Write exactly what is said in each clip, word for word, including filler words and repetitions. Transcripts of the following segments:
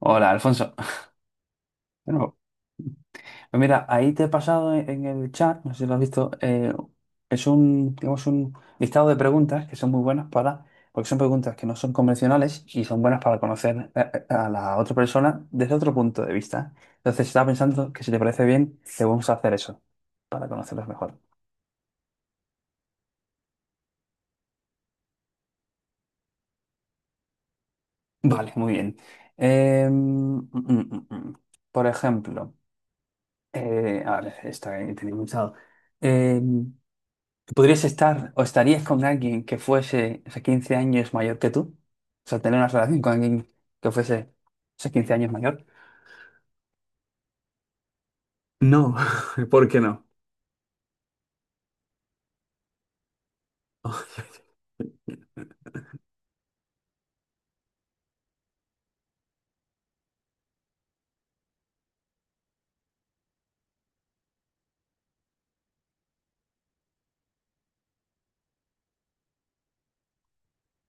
Hola, Alfonso. De nuevo. Pues mira, ahí te he pasado en en el chat, no sé si lo has visto, eh, es un, digamos, un listado de preguntas que son muy buenas para, porque son preguntas que no son convencionales y son buenas para conocer eh, eh, a la otra persona desde otro punto de vista. Entonces estaba pensando que si te parece bien, te vamos a hacer eso para conocerlos mejor. Vale, muy bien. Eh, mm, mm, mm, mm. Por ejemplo, eh, a ver, esta que tenía pensado. ¿Podrías estar o estarías con alguien que fuese, o sea, 15 años mayor que tú? O sea, tener una relación con alguien que fuese, o sea, 15 años mayor. No, ¿por qué no?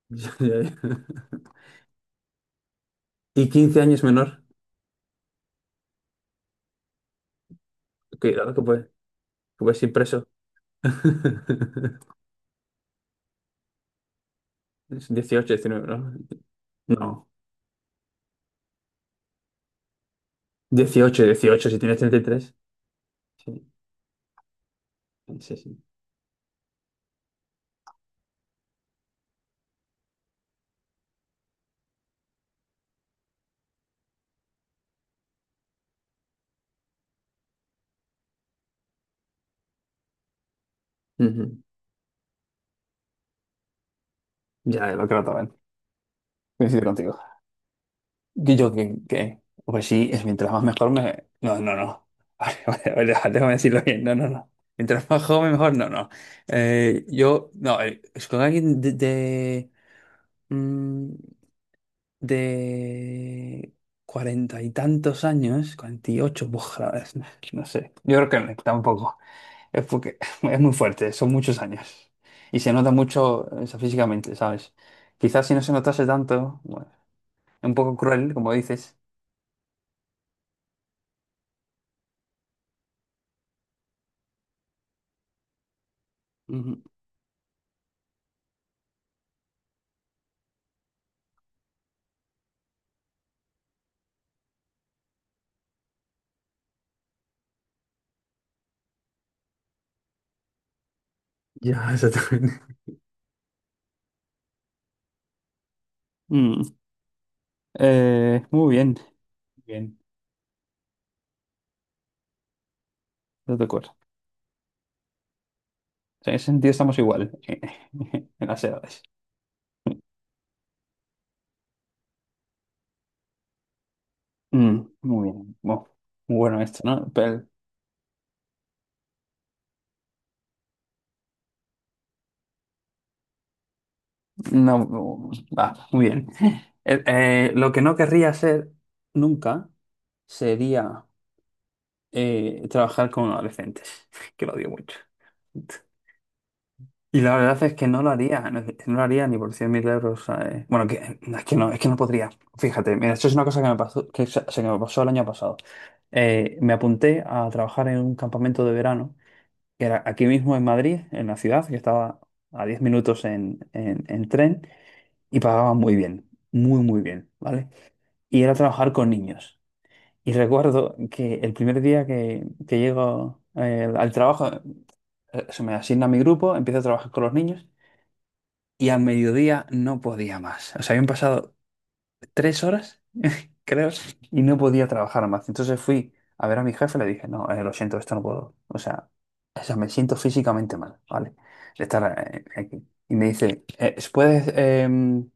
Ya, ya, ya. Y 15 años menor. Cuidado que puedes, que puedes ir preso. Es dieciocho, diecinueve, ¿no? No. dieciocho, dieciocho, si tienes treinta y tres. Sí, sí, sí. Ujú. Ya, lo creo también. Coincido contigo. Yo, yo que, que- pues sí, es mientras más mejor me... No, no, no. Vale, vale, vale, vale, déjame decirlo bien. No, no, no. Mientras más joven mejor, no, no. Eh, yo, no, eh, es con alguien de, de, mm, de cuarenta y tantos años, cuarenta y ocho, buf, la verdad es- no, no sé. Yo creo que no, tampoco. Es porque es muy fuerte, son muchos años. Y se nota mucho, o sea, físicamente, ¿sabes? Quizás si no se notase tanto, bueno, es un poco cruel, como dices. Ya, exactamente. Mm, eh, muy bien, bien, no te acuerdo. O sea, en ese sentido estamos igual en las edades. Mm, muy bien, Bu- muy bueno esto, ¿no? Pero, no, no, va, muy bien. Eh, eh, lo que no querría hacer nunca sería eh, trabajar con adolescentes, que lo odio mucho. Y la verdad es que no lo haría, no no lo haría ni por cien mil euros. ¿Sabes? Bueno, que, no, es que no, es que no podría. Fíjate, mira, esto es una cosa que me pasó, que, se se me pasó el año pasado. Eh, me apunté a trabajar en un campamento de verano, que era aquí mismo en Madrid, en la ciudad, que estaba a diez minutos en, en, en tren, y pagaban muy bien, muy, muy bien, ¿vale? Y era trabajar con niños. Y recuerdo que el primer día que, que llego eh, al trabajo, eh, se me asigna mi grupo, empiezo a trabajar con los niños y a mediodía no podía más. O sea, habían pasado tres horas, creo, y no podía trabajar más. Entonces fui a ver a mi jefe y le dije, no, eh, lo siento, esto no puedo. O sea, o sea, me siento físicamente mal, ¿vale? De estar eh, aquí. Y me dice, eh, ¿puedes, em,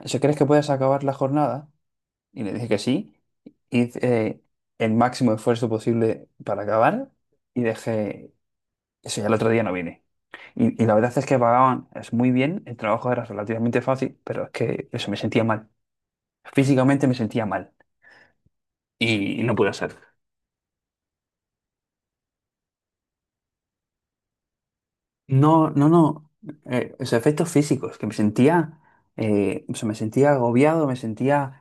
o sea, crees que puedes acabar la jornada? Y le dije que sí. Hice eh, el máximo esfuerzo posible para acabar y dejé, eso ya el otro día no vine. Y, y la verdad es que pagaban es muy bien, el trabajo era relativamente fácil, pero es que eso me sentía mal. Físicamente me sentía mal y no pude hacer. No, no, no. eh, los efectos físicos, que me sentía, eh, o sea, me sentía agobiado, me sentía,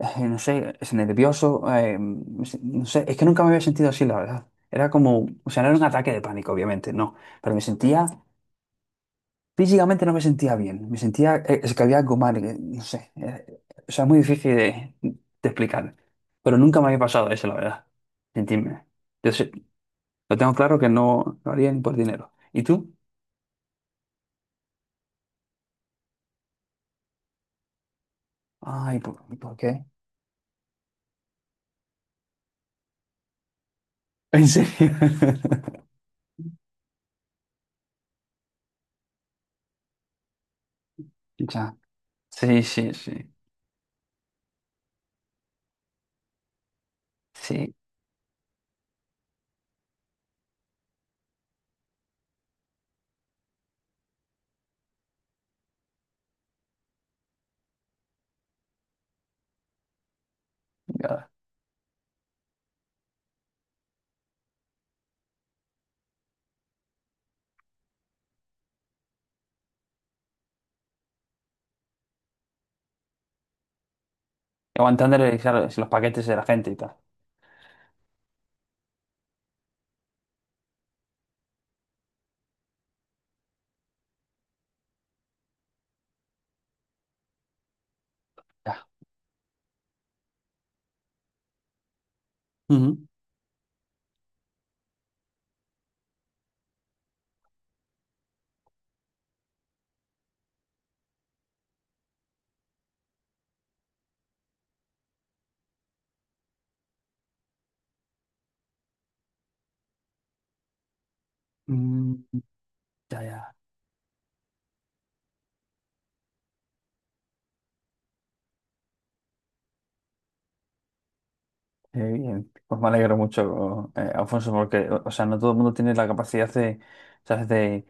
eh, no sé, es nervioso, eh, me sen- no sé, es que nunca me había sentido así, la verdad. Era como, o sea, no era un ataque de pánico, obviamente, no, pero me sentía. Físicamente no me sentía bien, me sentía, eh, es que había algo mal, que, no sé, eh, o sea, muy difícil de, de explicar, pero nunca me había pasado eso, la verdad, sentirme. Entonces, lo tengo claro que no lo haría ni por dinero. ¿Y tú? Ay, ¿por, por qué? ¿En serio? Ya. Sí, sí, sí, sí, ya. Aguantándole, claro, los paquetes de la gente y tal. Ya. Ujú. Mm, ya, ya. Qué bien. Pues me alegro mucho, eh, Alfonso, porque, o o sea, no todo el mundo tiene la capacidad de, ¿sabes? De,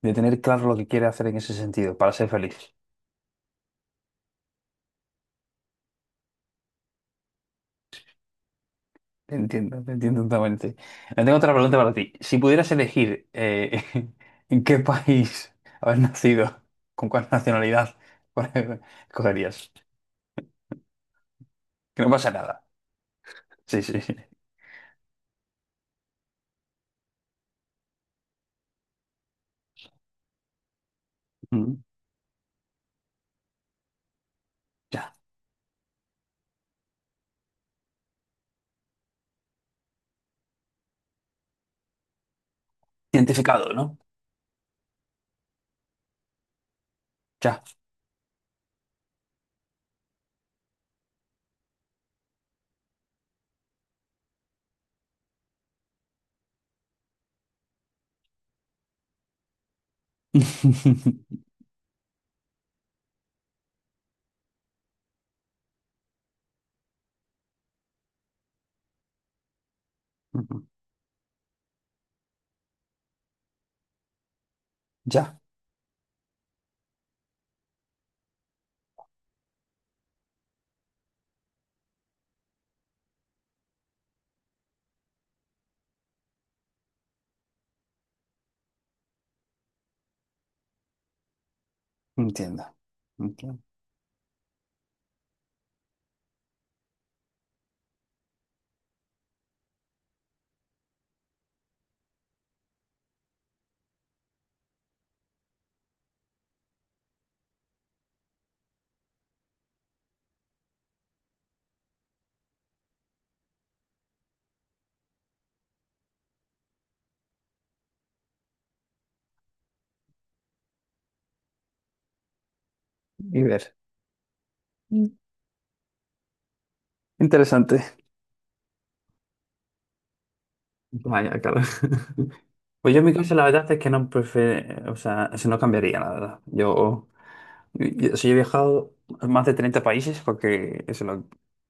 de tener claro lo que quiere hacer en ese sentido, para ser feliz. Te entiendo, te entiendo totalmente. Eh, Tengo otra pregunta para ti. Si pudieras elegir eh, en qué país haber nacido, con cuál nacionalidad, cuál escogerías. Que no pasa nada. Sí, sí, sí. Mm, Ya. Identificado, ¿no? Ya. Ujú. Ya. Entiendo. Entiendo. Y ver. Interesante. Vaya, claro. Pues yo en mi caso la verdad es que no prefiero, o sea, eso no cambiaría, la verdad. Yo, yo, o he viajado a más de treinta países porque eso, lo-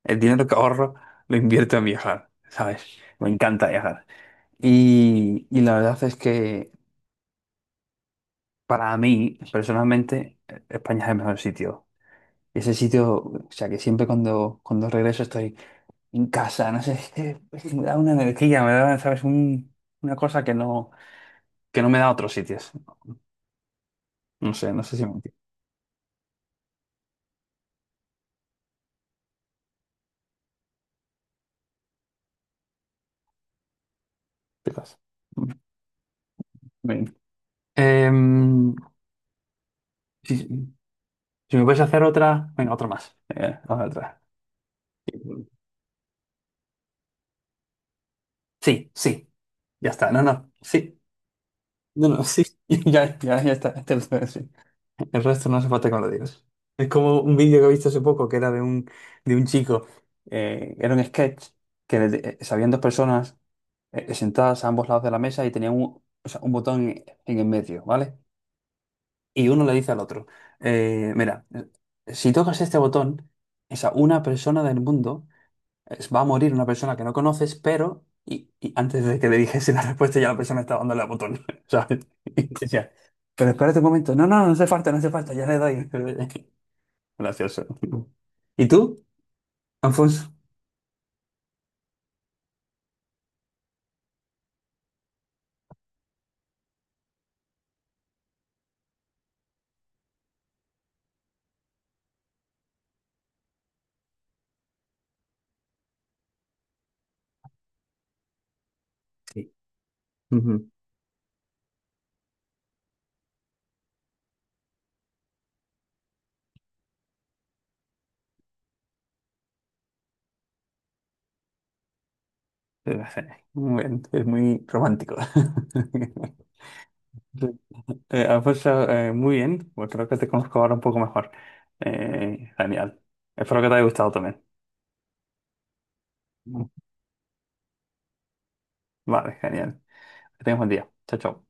el dinero que ahorro lo invierto en viajar, ¿sabes? Me encanta viajar. Y, y la verdad es que para mí, personalmente, España es el mejor sitio. Y ese sitio, o sea, que siempre cuando, cuando regreso estoy en casa, no sé, es que, es que me da una energía, me da, ¿sabes? Un- una cosa que no... que no me da a otros sitios. No sé, no sé si me entiendes. Bien. Em, si, si me puedes hacer otra, venga, otra más. Eh, hazme otra. Sí, sí, ya está. No, no, sí. No, no, sí. Ya, ya, ya está. Este lo tengo, sí. El resto no hace falta que me lo digas. Es como un vídeo que he visto hace poco que era de un, de un, chico. eh, era un sketch que le- eh, habían dos personas eh, sentadas a ambos lados de la mesa y tenían un, o sea, un botón en el medio, ¿vale? Y uno le dice al otro, eh, mira, eh, si tocas este botón, esa una persona del mundo es- va a morir, una persona que no conoces, pero... Y, y antes de que le dijese la respuesta, ya la persona estaba dándole al botón, ¿sabes? Y decía, pero espérate un momento. No, no, no hace falta, no hace falta, ya le doy. Gracioso. ¿Y tú, Alfonso? Sí. Ujú. Muy bien, es muy romántico. Eh, ah, pues, ah, eh, muy bien, pues creo que te conozco ahora un poco mejor. Eh, genial. Espero que te haya gustado también. Vale, genial. Que tengas buen día. Chao, chao.